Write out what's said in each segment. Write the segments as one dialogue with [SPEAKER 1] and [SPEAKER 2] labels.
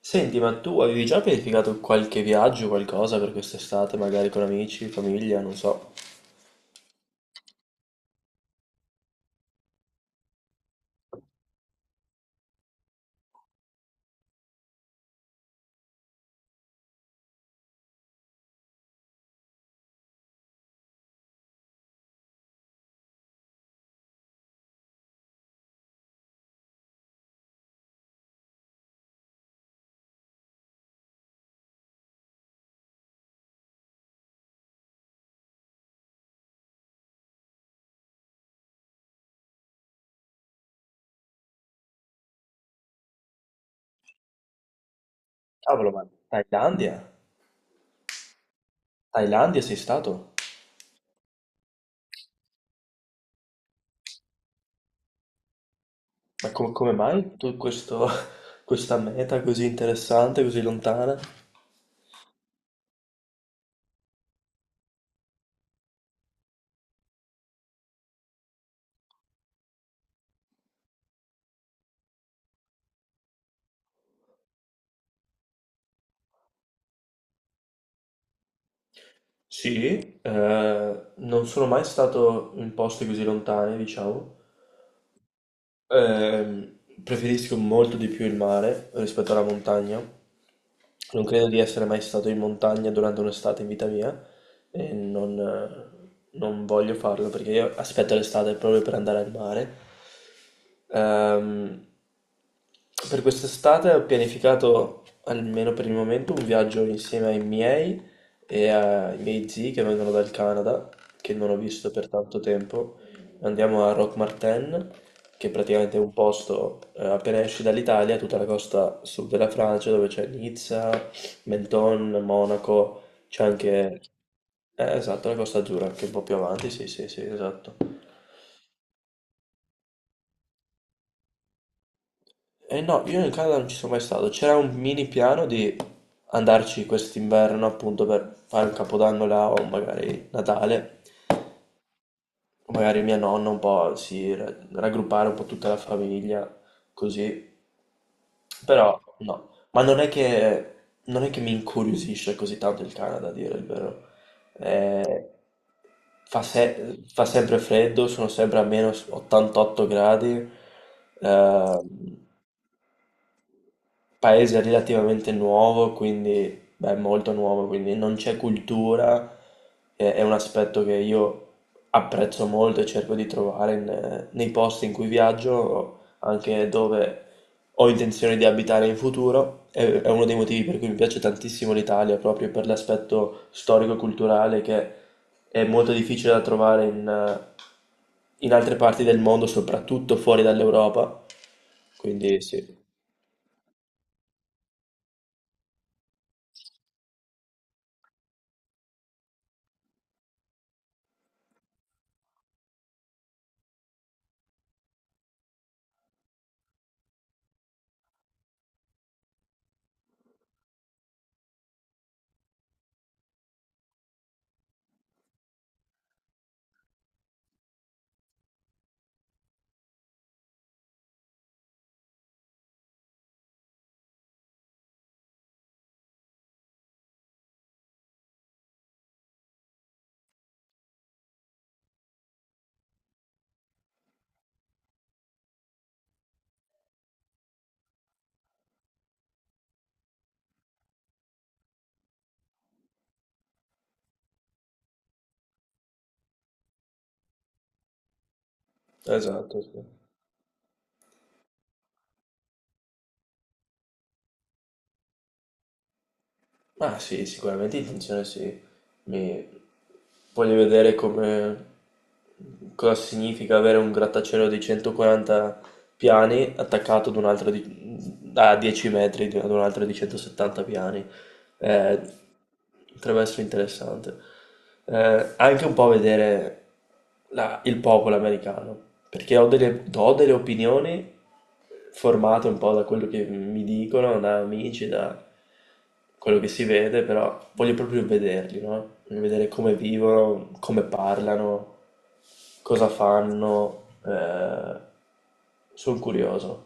[SPEAKER 1] Senti, ma tu avevi già pianificato qualche viaggio, qualcosa per quest'estate, magari con amici, famiglia, non so. Cavolo, ma Thailandia? Thailandia sei stato? Ma come mai tu questo, questa meta così interessante, così lontana? Sì, non sono mai stato in posti così lontani, diciamo. Preferisco molto di più il mare rispetto alla montagna. Non credo di essere mai stato in montagna durante un'estate in vita mia e non voglio farlo perché io aspetto l'estate proprio per andare al mare. Ehm, per quest'estate ho pianificato, almeno per il momento, un viaggio insieme ai miei e ai miei zii che vengono dal Canada, che non ho visto per tanto tempo. Andiamo a Roque Martin, che praticamente è un posto, appena esci dall'Italia, tutta la costa sud della Francia, dove c'è Nizza, Menton, Monaco, c'è anche, esatto, la Costa Azzurra, anche un po' più avanti, sì, sì, sì, esatto. E no, io in Canada non ci sono mai stato, c'era un mini piano di andarci quest'inverno appunto per fare un capodanno là o magari Natale, magari mia nonna un po' si raggruppare un po' tutta la famiglia, così. Però no, non è che mi incuriosisce così tanto il Canada, a dire il vero. Eh, fa, se- fa sempre freddo, sono sempre a meno 88 gradi, ehm, paese relativamente nuovo, quindi, beh, molto nuovo, quindi non c'è cultura, è un aspetto che io apprezzo molto e cerco di trovare nei posti in cui viaggio, anche dove ho intenzione di abitare in futuro. È uno dei motivi per cui mi piace tantissimo l'Italia, proprio per l'aspetto storico-culturale che è molto difficile da trovare in altre parti del mondo, soprattutto fuori dall'Europa. Quindi sì, esatto, sì. Ah sì, sicuramente intenzione sì. Mi... Voglio vedere come... cosa significa avere un grattacielo di 140 piani attaccato ad un altro di... a 10 metri ad un altro di 170 piani. Eh, Potrebbe essere interessante. Anche un po' vedere il popolo americano, perché ho delle opinioni formate un po' da quello che mi dicono, da amici, da quello che si vede, però voglio proprio vederli, no? Voglio vedere come vivono, come parlano, cosa fanno. Sono curioso.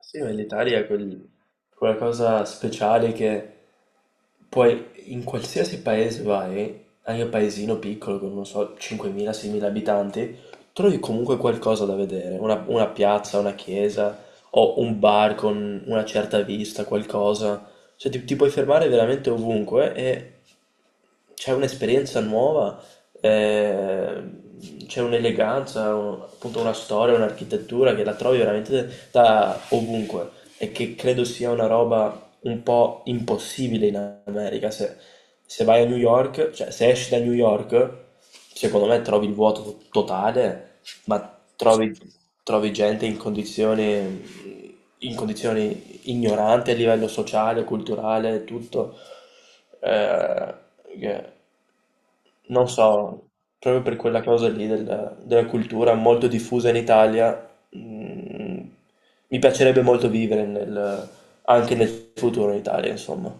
[SPEAKER 1] Sì, ma l'Italia è quella cosa speciale che poi in qualsiasi paese vai, anche un paesino piccolo con, non so, 5.000-6.000 abitanti, trovi comunque qualcosa da vedere, una piazza, una chiesa o un bar con una certa vista, qualcosa. Cioè ti puoi fermare veramente ovunque e c'è un'esperienza nuova, eh, c'è un'eleganza, appunto una storia, un'architettura che la trovi veramente da ovunque e che credo sia una roba un po' impossibile in America. Se vai a New York, cioè se esci da New York, secondo me trovi il vuoto totale, ma trovi, trovi gente in condizioni ignoranti a livello sociale, culturale, tutto. Eh, che- non so, proprio per quella cosa lì della cultura molto diffusa in Italia, mi piacerebbe molto vivere anche nel futuro in Italia, insomma.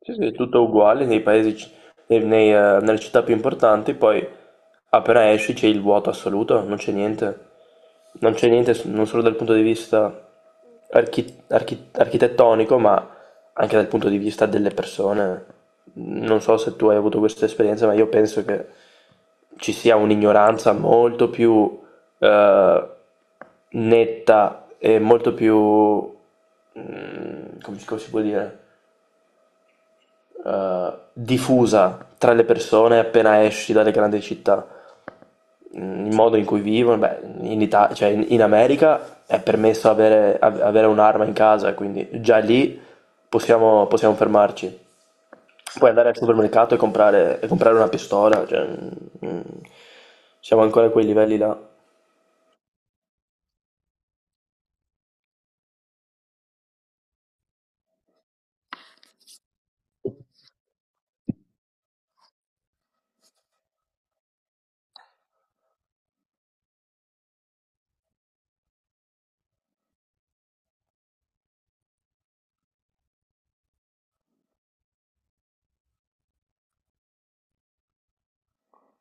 [SPEAKER 1] Sì, sì, è tutto uguale nei paesi, nelle città più importanti, poi appena esci c'è il vuoto assoluto, non c'è niente, non c'è niente non solo dal punto di vista architettonico, ma anche dal punto di vista delle persone. Non so se tu hai avuto questa esperienza, ma io penso che ci sia un'ignoranza molto più, eh, netta e molto più... mm, come si può dire? Eh, diffusa tra le persone appena esci dalle grandi città. Mm, il modo in cui vivono, beh, cioè in America è permesso avere un'arma in casa, quindi già lì possiamo fermarci. Puoi andare al supermercato e comprare una pistola, cioè, mm, siamo ancora a quei livelli là.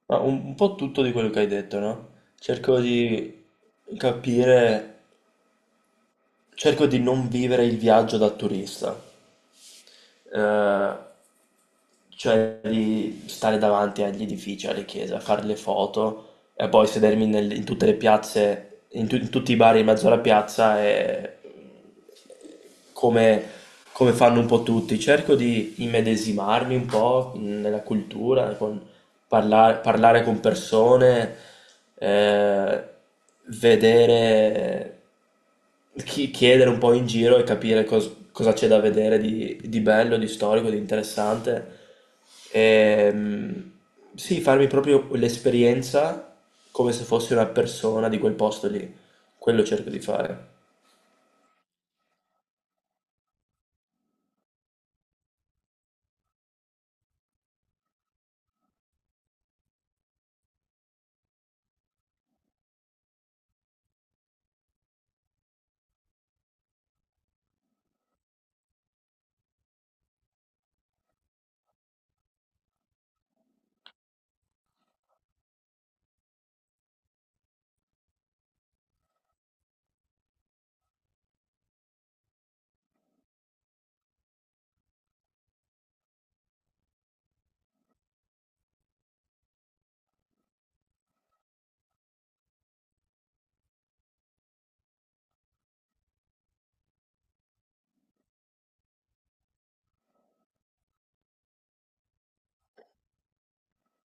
[SPEAKER 1] Ma un po' tutto di quello che hai detto, no? Cerco di capire, cerco di non vivere il viaggio da turista. Eh, cioè di stare davanti agli edifici, alle chiese, a fare le foto e poi sedermi in tutte le piazze, in tutti i bar in mezzo alla piazza e come, come fanno un po' tutti. Cerco di immedesimarmi un po' nella cultura, con parlare con persone, eh, vedere, chiedere un po' in giro e capire cosa c'è da vedere di bello, di storico, di interessante. Ehm, sì, farmi proprio l'esperienza come se fossi una persona di quel posto lì. Quello cerco di fare.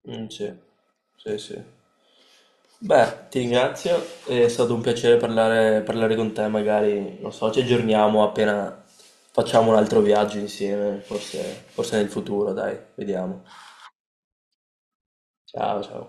[SPEAKER 1] Mm, sì, sì, sì. Beh, ti ringrazio, è stato un piacere parlare, parlare con te, magari, non so, ci aggiorniamo appena facciamo un altro viaggio insieme, forse, forse nel futuro, dai, vediamo. Ciao, ciao.